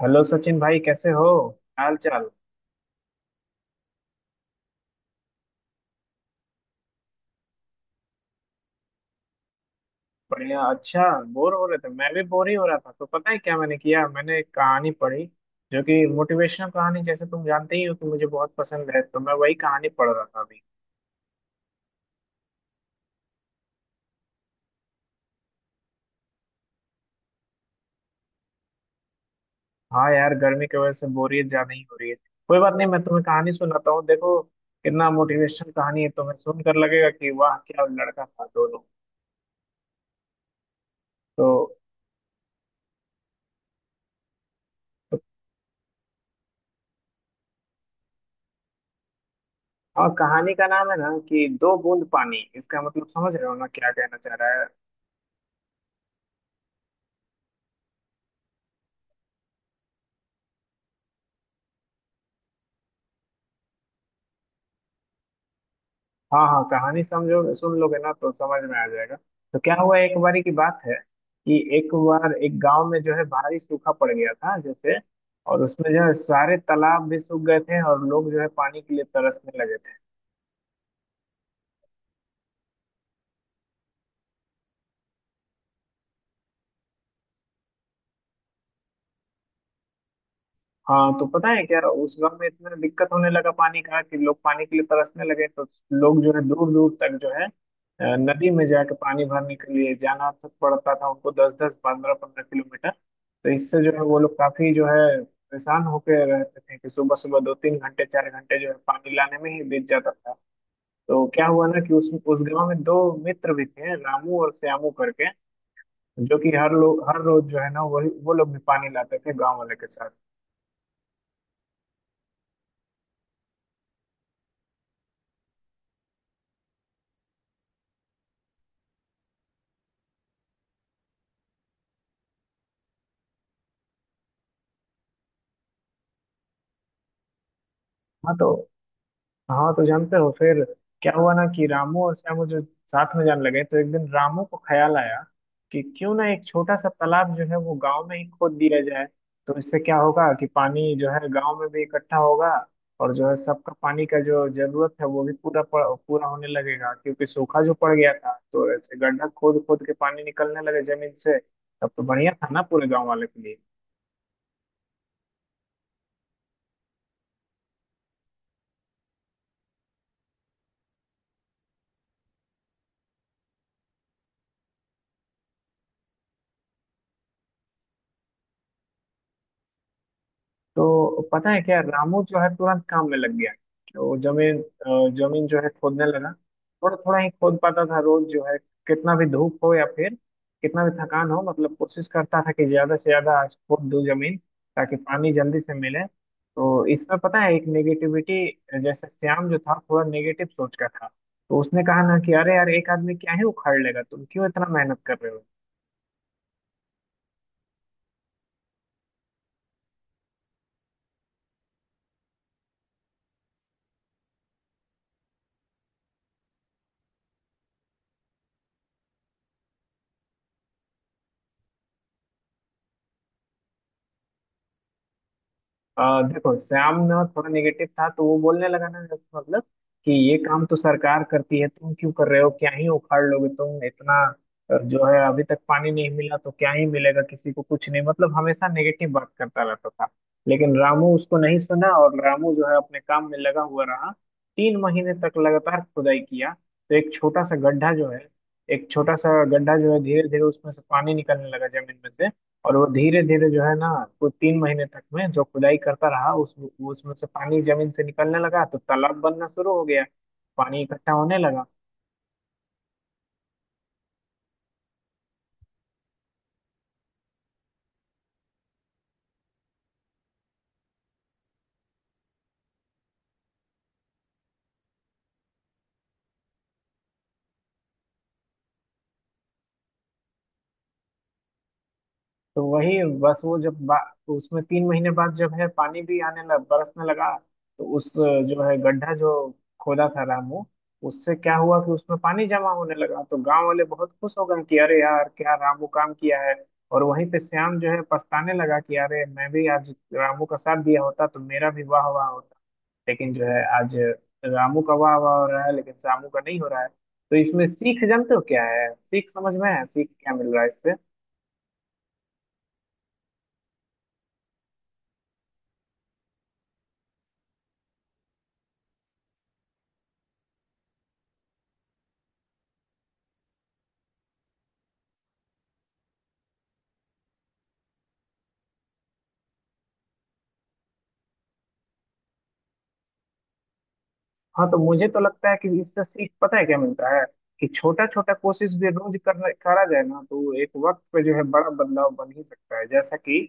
Hello Sachin भाई, कैसे हो? हाल चाल? बढ़िया। अच्छा, बोर हो रहे थे। मैं भी बोर ही हो रहा था, तो पता है क्या मैंने किया? मैंने एक कहानी पढ़ी, जो कि मोटिवेशनल कहानी, जैसे तुम जानते ही हो कि मुझे बहुत पसंद है, तो मैं वही कहानी पढ़ रहा था अभी। हाँ यार, गर्मी की वजह से बोरियत ज्यादा ही हो रही है। कोई बात नहीं, मैं तुम्हें कहानी सुनाता हूँ। देखो कितना मोटिवेशनल कहानी है, तुम्हें सुनकर लगेगा कि वाह, क्या लड़का था दोनों। तो तो- और कहानी का नाम है ना कि दो बूंद पानी। इसका मतलब समझ रहे हो ना क्या कहना चाह रहा है? हाँ, हाँ, कहानी समझो, सुन लोगे ना तो समझ में आ जाएगा। तो क्या हुआ, एक बारी की बात है कि एक बार एक गांव में जो है भारी सूखा पड़ गया था जैसे। और उसमें जो है सारे तालाब भी सूख गए थे, और लोग जो है पानी के लिए तरसने लगे थे। हाँ तो पता है क्या, उस गांव में इतना दिक्कत होने लगा पानी का कि लोग पानी के लिए तरसने लगे। तो लोग जो है दूर दूर तक जो है नदी में जाके पानी भरने के लिए जाना तक पड़ता था उनको, दस दस पंद्रह पंद्रह किलोमीटर। तो इससे जो है वो लोग काफी जो है परेशान होकर रहते थे कि सुबह सुबह दो तीन घंटे चार घंटे जो है पानी लाने में ही बीत जाता था। तो क्या हुआ ना कि उस गांव में दो मित्र भी थे, रामू और श्यामू करके, जो कि हर लोग हर रोज जो है ना, वही वो लोग भी पानी लाते थे गांव वाले के साथ। हाँ तो हाँ तो जानते हो फिर क्या हुआ ना कि रामू और श्यामू जो साथ में जाने लगे, तो एक दिन रामू को ख्याल आया कि क्यों ना एक छोटा सा तालाब जो है वो गांव में ही खोद दिया जाए। तो इससे क्या होगा कि पानी जो है गांव में भी इकट्ठा होगा, और जो है सबका पानी का जो जरूरत है वो भी पूरा होने लगेगा, क्योंकि सूखा जो पड़ गया था, तो ऐसे गड्ढा खोद खोद के पानी निकलने लगे जमीन से। तब तो बढ़िया था ना पूरे गांव वाले के लिए। तो पता है क्या, रामू जो है तुरंत काम में लग गया। वो जमीन जो है खोदने लगा, थोड़ा थोड़ा ही खोद पाता था रोज जो है। कितना भी धूप हो, या फिर कितना भी थकान हो, मतलब कोशिश करता था कि ज्यादा से ज्यादा आज खोद दूं जमीन, ताकि पानी जल्दी से मिले। तो इसमें पता है, एक नेगेटिविटी, जैसे श्याम जो था थोड़ा नेगेटिव सोच का था, तो उसने कहा ना कि अरे यार, एक आदमी क्या ही उखाड़ लेगा, तुम क्यों इतना मेहनत कर रहे हो। देखो श्याम ना थोड़ा निगेटिव था, तो वो बोलने लगा ना, इस मतलब कि ये काम तो सरकार करती है, तुम क्यों कर रहे हो, क्या ही उखाड़ लोगे तुम इतना। जो है अभी तक पानी नहीं मिला, तो क्या ही मिलेगा किसी को कुछ नहीं, मतलब हमेशा नेगेटिव बात करता रहता था। लेकिन रामू उसको नहीं सुना, और रामू जो है अपने काम में लगा हुआ रहा। तीन महीने तक लगातार खुदाई किया। तो एक छोटा सा गड्ढा जो है, एक छोटा सा गड्ढा जो है, धीरे धीरे उसमें से पानी निकलने लगा जमीन में से। और वो धीरे धीरे जो है ना, वो तीन महीने तक में जो खुदाई करता रहा उस उसमें से पानी जमीन से निकलने लगा, तो तालाब बनना शुरू हो गया, पानी इकट्ठा होने लगा। तो वही बस वो उसमें तीन महीने बाद जब है पानी भी आने लग बरसने लगा, तो उस जो है गड्ढा जो खोदा था रामू, उससे क्या हुआ कि उसमें पानी जमा होने लगा, तो गांव वाले बहुत खुश हो गए कि अरे यार, क्या रामू काम किया है। और वहीं पे श्याम जो है पछताने लगा कि अरे, मैं भी आज रामू का साथ दिया होता तो मेरा भी वाह वाह होता, लेकिन जो है आज रामू का वाह वाह हो रहा है, लेकिन श्यामू का नहीं हो रहा है। तो इसमें सीख जानते हो क्या है? सीख समझ में है? सीख क्या मिल रहा है इससे? हाँ तो मुझे तो लगता है कि इससे सीख पता है क्या मिलता है, कि छोटा छोटा कोशिश भी रोज करना करा जाए ना, तो एक वक्त पे जो है बड़ा बदलाव बन ही सकता है। जैसा कि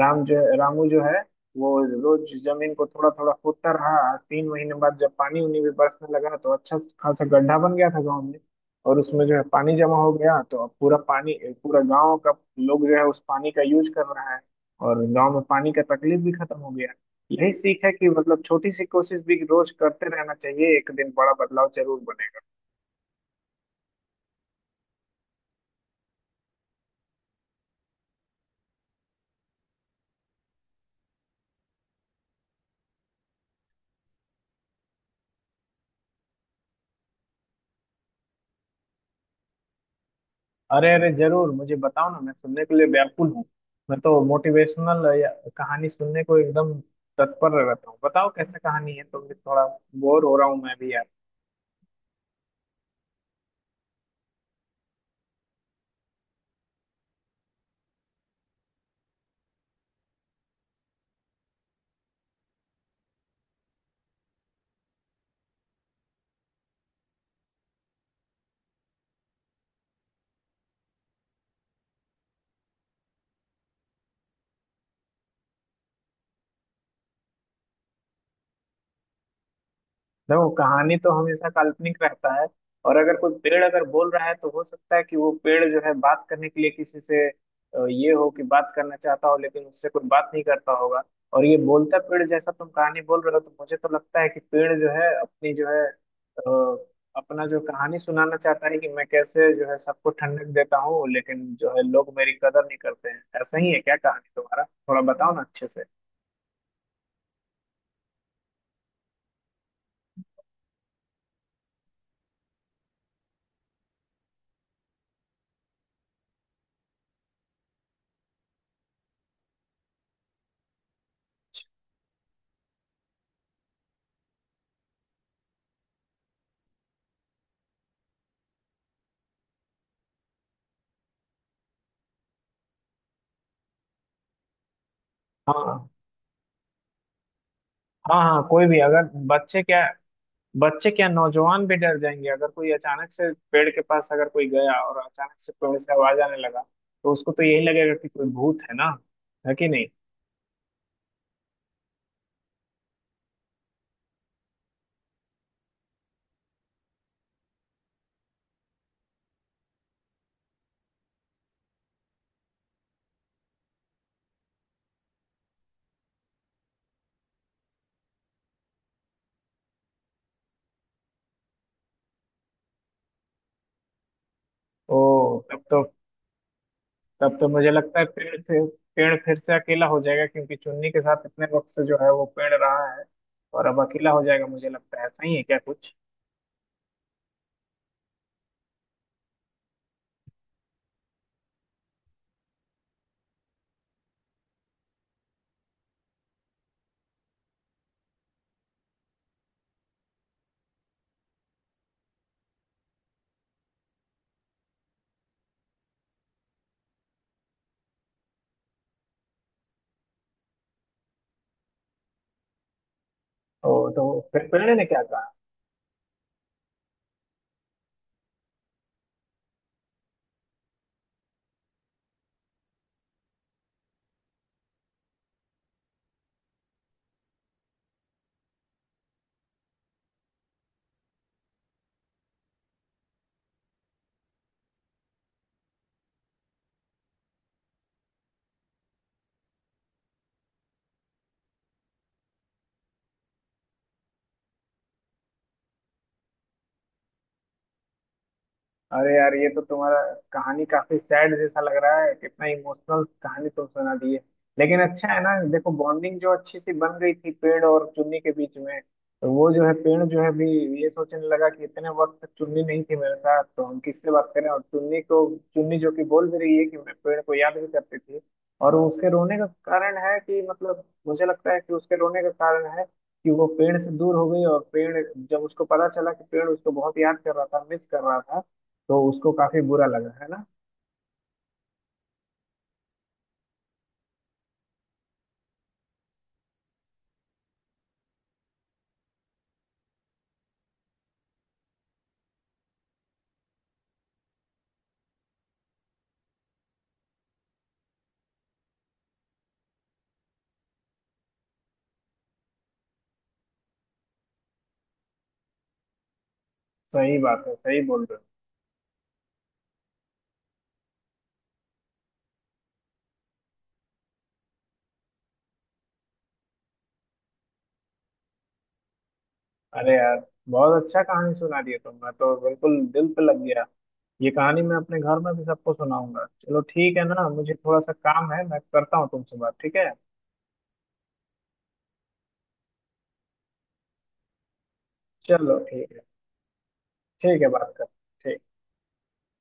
रामू जो है वो रोज जमीन को थोड़ा थोड़ा खोदता रहा, आज तीन महीने बाद जब पानी उनी भी बरसने लगा, तो अच्छा खासा गड्ढा बन गया था गाँव में। और उसमें जो है पानी जमा हो गया, तो अब पूरा पानी, पूरा गाँव का लोग जो है उस पानी का यूज कर रहा है, और गाँव में पानी का तकलीफ भी खत्म हो गया। यही सीख है कि मतलब छोटी सी कोशिश भी रोज करते रहना चाहिए, एक दिन बड़ा बदलाव जरूर बनेगा। अरे अरे, जरूर, मुझे बताओ ना, मैं सुनने के लिए व्याकुल हूँ। मैं तो मोटिवेशनल कहानी सुनने को एकदम तत्पर रहता हूँ। बताओ कैसे कहानी है, तो मैं थोड़ा बोर हो रहा हूँ, मैं भी यार। देखो कहानी तो हमेशा काल्पनिक रहता है, और अगर कोई पेड़ अगर बोल रहा है तो हो सकता है कि वो पेड़ जो है बात करने के लिए किसी से ये हो कि बात करना चाहता हो, लेकिन उससे कोई बात नहीं करता होगा। और ये बोलता पेड़ जैसा तुम कहानी बोल रहे हो, तो मुझे तो लगता है कि पेड़ जो है अपनी जो है अपना जो कहानी सुनाना चाहता है कि मैं कैसे जो है सबको ठंडक देता हूँ, लेकिन जो है लोग मेरी कदर नहीं करते हैं। ऐसा ही है क्या कहानी तुम्हारा? थोड़ा बताओ ना अच्छे से। हाँ। हाँ, हाँ, कोई भी, अगर बच्चे क्या, नौजवान भी डर जाएंगे, अगर कोई अचानक से पेड़ के पास अगर कोई गया और अचानक से कोई ऐसे आवाज आने लगा, तो उसको तो यही लगेगा कि कोई भूत है ना। है कि नहीं? ओ। तब तो तब तो मुझे लगता है पेड़ फिर से अकेला हो जाएगा, क्योंकि चुन्नी के साथ इतने वक्त से जो है वो पेड़ रहा है, और अब अकेला हो जाएगा। मुझे लगता है ऐसा ही है क्या कुछ? ओ, तो फिर पेड़ ने क्या कहा? अरे यार, ये तो तुम्हारा कहानी काफी सैड जैसा लग रहा है। कितना इमोशनल कहानी तुम सुना दी है। लेकिन अच्छा है ना, देखो बॉन्डिंग जो अच्छी सी बन गई थी पेड़ और चुन्नी के बीच में। तो वो जो है पेड़ जो है भी ये सोचने लगा कि इतने वक्त तक चुन्नी नहीं थी मेरे साथ, तो हम किससे बात करें। और चुन्नी जो कि बोल भी रही है कि मैं पेड़ को याद भी करती थी। और उसके रोने का कारण है कि, मतलब, मुझे लगता है कि उसके रोने का कारण है कि वो पेड़ से दूर हो गई। और पेड़, जब उसको पता चला कि पेड़ उसको बहुत याद कर रहा था, मिस कर रहा था, तो उसको काफी बुरा लगा है ना। सही बात है, सही बोल रहे हो। अरे यार, बहुत अच्छा कहानी सुना दी है तुमने तो, बिल्कुल दिल पे लग गया। ये कहानी मैं अपने घर में भी सबको सुनाऊंगा। चलो ठीक है ना, मुझे थोड़ा सा काम है, मैं करता हूँ, तुमसे बात ठीक है? चलो ठीक है, ठीक है, बात कर, ठीक।